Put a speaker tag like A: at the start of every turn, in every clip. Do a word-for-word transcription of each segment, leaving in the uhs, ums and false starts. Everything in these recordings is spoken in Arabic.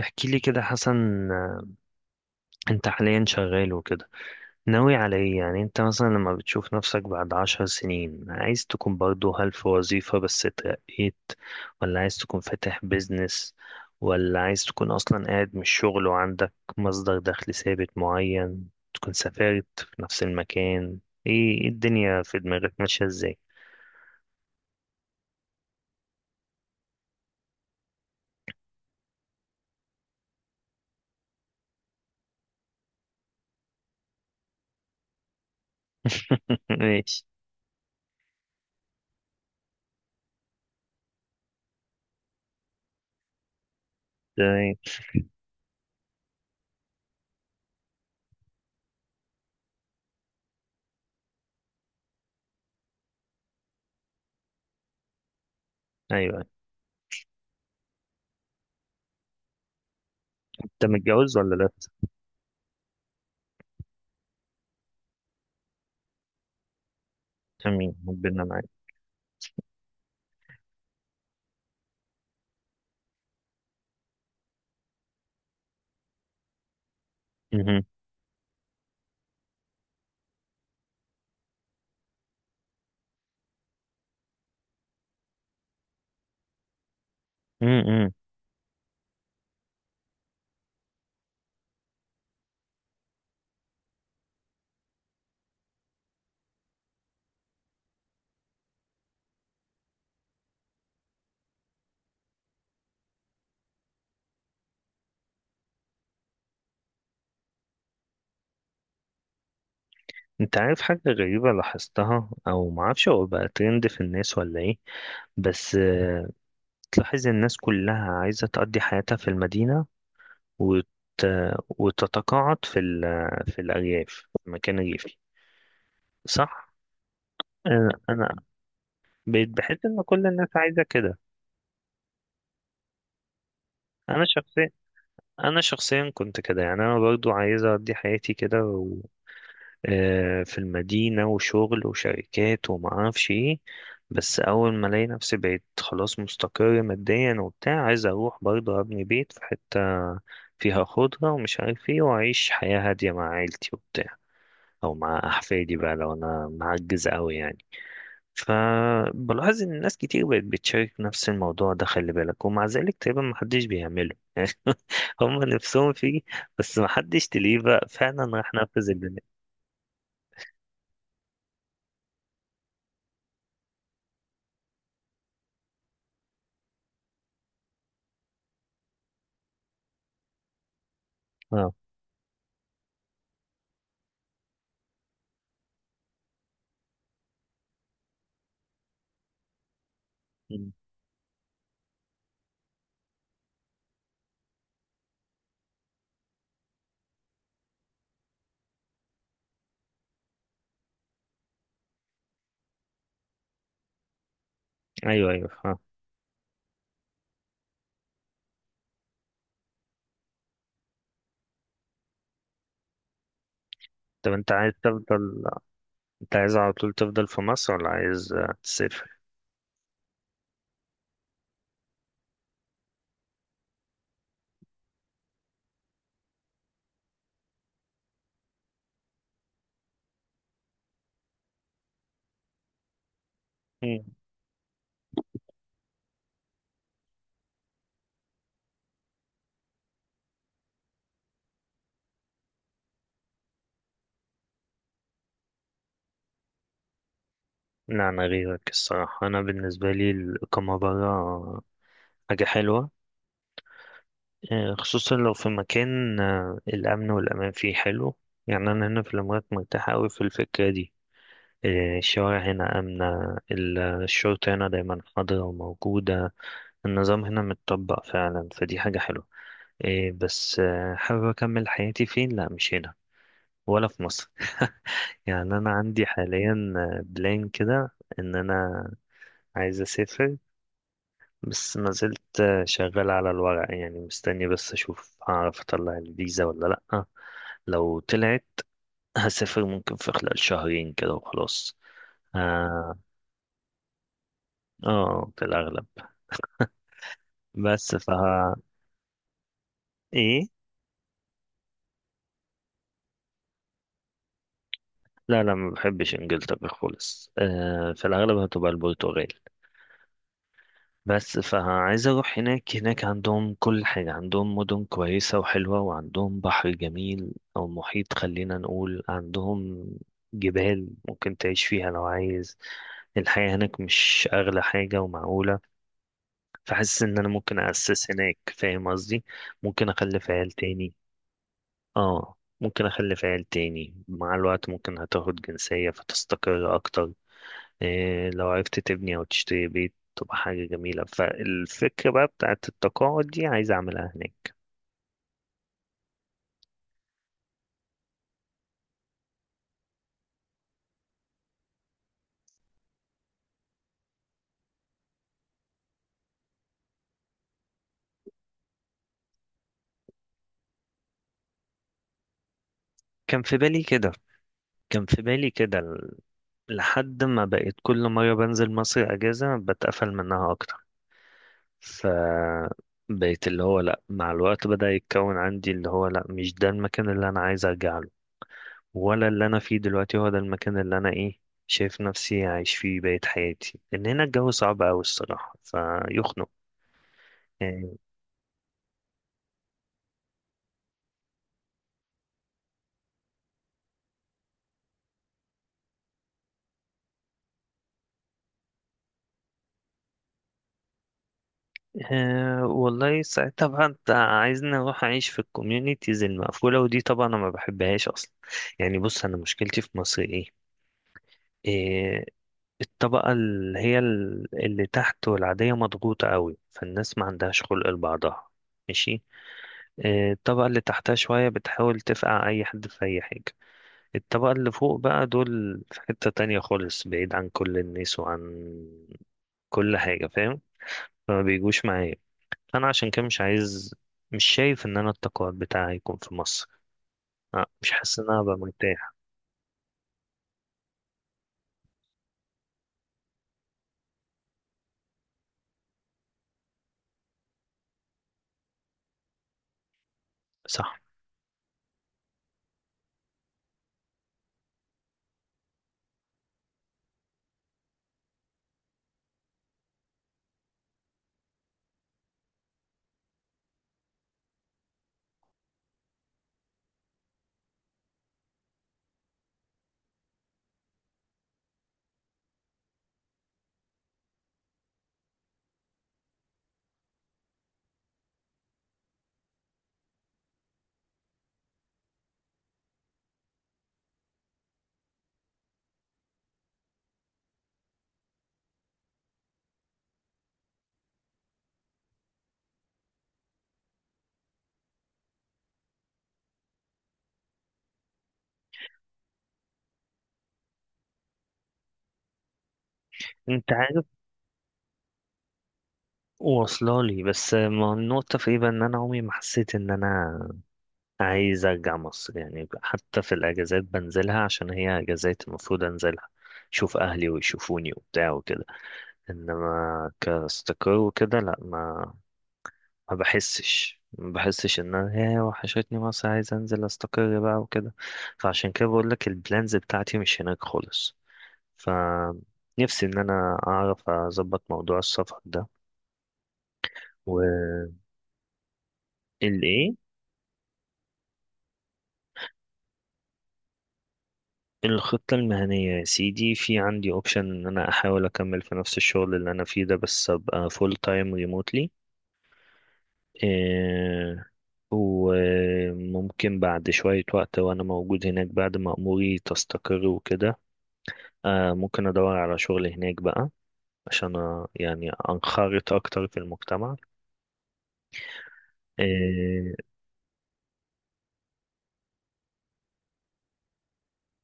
A: احكي لي كده حسن، آه، انت حاليا شغال وكده ناوي على ايه؟ يعني انت مثلا لما بتشوف نفسك بعد عشر سنين، عايز تكون برضو، هل في وظيفة بس اترقيت، ولا عايز تكون فاتح بيزنس، ولا عايز تكون اصلا قاعد من الشغل وعندك مصدر دخل ثابت معين، تكون سافرت في نفس المكان، ايه إيه الدنيا في دماغك ماشية ازاي؟ ماشي. تمام. ايوه. انت متجوز ولا لا؟ امين، ربنا معاك. مهم. مم، انت عارف حاجة غريبة لاحظتها، او معرفش هو بقى ترند في الناس ولا ايه، بس آه، تلاحظ الناس كلها عايزة تقضي حياتها في المدينة، وت... وتتقاعد في ال... في الأرياف، في مكان ريفي، صح؟ انا أنا بقيت بحس ان كل الناس عايزة كده. انا شخصيا انا شخصيا كنت كده، يعني انا برضو عايز اقضي حياتي كده، آه، في المدينة وشغل وشركات وما اعرفش ايه. بس اول ما الاقي نفسي بقيت خلاص مستقر ماديا وبتاع، عايز اروح برضه ابني بيت في حتة فيها خضرة ومش عارف ايه، واعيش حياة هادية مع عيلتي وبتاع، او مع احفادي بقى لو انا معجز قوي يعني. فبلاحظ ان ناس كتير بقت بتشارك نفس الموضوع ده، خلي بالك، ومع ذلك تقريبا محدش بيعمله هم نفسهم فيه. بس محدش تلاقيه بقى فعلا راح نفذ البناء. اه. ايوه، ايوه، فاهم. طب انت عايز تفضل انت عايز على طول تفضل في مصر ولا عايز آه، تسافر؟ مم. لا، انا غيرك الصراحه، انا بالنسبه لي الاقامه بره حاجه حلوه. آه، خصوصا لو في مكان آه، الامن والامان فيه حلو. يعني انا هنا في الامارات مرتاح قوي في الفكره دي. آه، الشوارع هنا امنه، ال- الشرطه هنا دايما حاضره وموجوده. النظام هنا متطبق فعلا، فدي حاجه حلوه. آه، بس آه، حابب اكمل حياتي فين؟ لا، مش هنا، ولا في مصر يعني انا عندي حاليا بلان كده ان انا عايز اسافر، بس ما زلت شغال على الورق، يعني مستني بس اشوف هعرف اطلع الفيزا ولا لا. لو طلعت، هسافر ممكن في خلال شهرين كده وخلاص. اه. آه، في الاغلب. بس فها. ايه. لا، لا، ما بحبش انجلترا خالص. آه في الاغلب هتبقى البرتغال. بس فعايز اروح هناك. هناك عندهم كل حاجة، عندهم مدن كويسة وحلوة، وعندهم بحر جميل او محيط، خلينا نقول، عندهم جبال ممكن تعيش فيها لو عايز. الحياة هناك مش اغلى حاجة ومعقولة، فحاسس ان انا ممكن اسس هناك، فاهم قصدي؟ ممكن اخلف عيال تاني. اه. ممكن اخلف عيال تاني مع الوقت، ممكن هتاخد جنسية فتستقر اكتر. إيه، لو عرفت تبني أو تشتري بيت تبقى حاجة جميلة. فالفكرة بقى بتاعت التقاعد دي عايز أعملها هناك. كان في بالي كده كان في بالي كده ل- لحد ما بقيت كل مرة بنزل مصر أجازة بتقفل منها أكتر. ف بقيت اللي هو لأ، مع الوقت بدأ يتكون عندي اللي هو لأ، مش ده المكان اللي أنا عايز أرجع له، ولا اللي أنا فيه دلوقتي هو ده المكان اللي أنا إيه، شايف نفسي عايش فيه بقية حياتي، لأن هنا الجو صعب أوي الصراحة فيخنق يعني. أه، والله ساعتها بقى انت عايزني اروح اعيش في الكوميونيتيز المقفوله، ودي طبعا انا ما بحبهاش اصلا. يعني بص، انا مشكلتي في مصر ايه، إيه، الطبقه اللي هي ال- اللي تحت والعاديه مضغوطه قوي، فالناس ما عندهاش خلق لبعضها. ماشي. إيه، الطبقه اللي تحتها شويه بتحاول تفقع اي حد في اي حاجه. الطبقه اللي فوق بقى دول في حته تانية خالص، بعيد عن كل الناس وعن كل حاجه، فاهم؟ فما بيجوش معايا. انا عشان كده مش عايز مش شايف ان انا التقاعد بتاعي يكون في مصر. أه، مش حاسس ان انا هبقى مرتاح. صح. انت عارف، واصله لي، بس ما النقطه في ايه بقى، ان انا عمري ما حسيت ان انا عايز ارجع مصر، يعني حتى في الاجازات بنزلها عشان هي اجازات المفروض انزلها اشوف اهلي ويشوفوني وبتاع وكده. انما كاستقر وكده لا، ما ما بحسش ما بحسش ان انا يا، وحشتني مصر عايز انزل استقر بقى وكده. فعشان كده بقول لك البلانز بتاعتي مش هناك خالص. ف نفسي ان انا اعرف اظبط موضوع السفر ده. و ال ايه الخطة المهنية يا سيدي، في عندي اوبشن ان انا احاول اكمل في نفس الشغل اللي انا فيه ده، بس ابقى فول تايم ريموتلي. إيه، وممكن بعد شوية وقت وانا موجود هناك، بعد ما اموري تستقر وكده، آه ممكن أدور على شغل هناك بقى، عشان آه، يعني أنخرط أكتر في المجتمع. آه،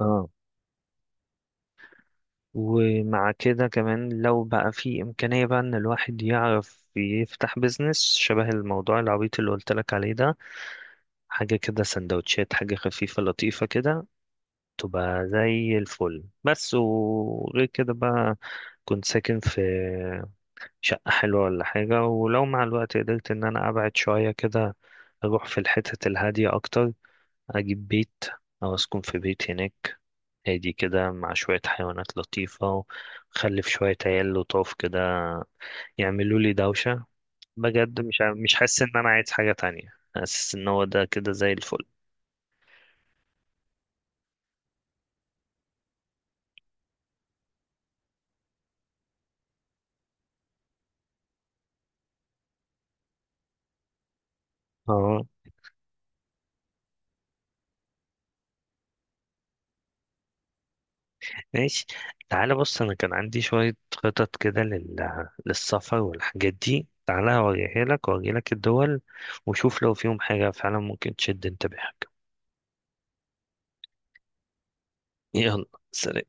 A: آه، ومع كده كمان لو بقى في إمكانية بقى إن الواحد يعرف يفتح بيزنس، شبه الموضوع العبيط اللي قلت لك عليه ده، حاجة كده سندوتشات، حاجة خفيفة لطيفة كده، تبقى زي الفل. بس وغير كده بقى، كنت ساكن في شقة حلوة ولا حاجة، ولو مع الوقت قدرت إن أنا أبعد شوية كده أروح في الحتت الهادية أكتر، أجيب بيت أو أسكن في بيت هناك، هادي كده مع شوية حيوانات لطيفة، وخلف شوية عيال لطاف كده يعملوا لي دوشة. بجد مش ع- مش حاسس إن أنا عايز حاجة تانية، حاسس إن هو ده كده زي الفل. اه. ماشي. تعالى بص، أنا كان عندي شوية خطط كده لل... للسفر والحاجات دي، تعالى أوريها لك وأوري لك الدول، وشوف لو فيهم حاجة فعلا ممكن تشد انتباهك. يلا، سلام.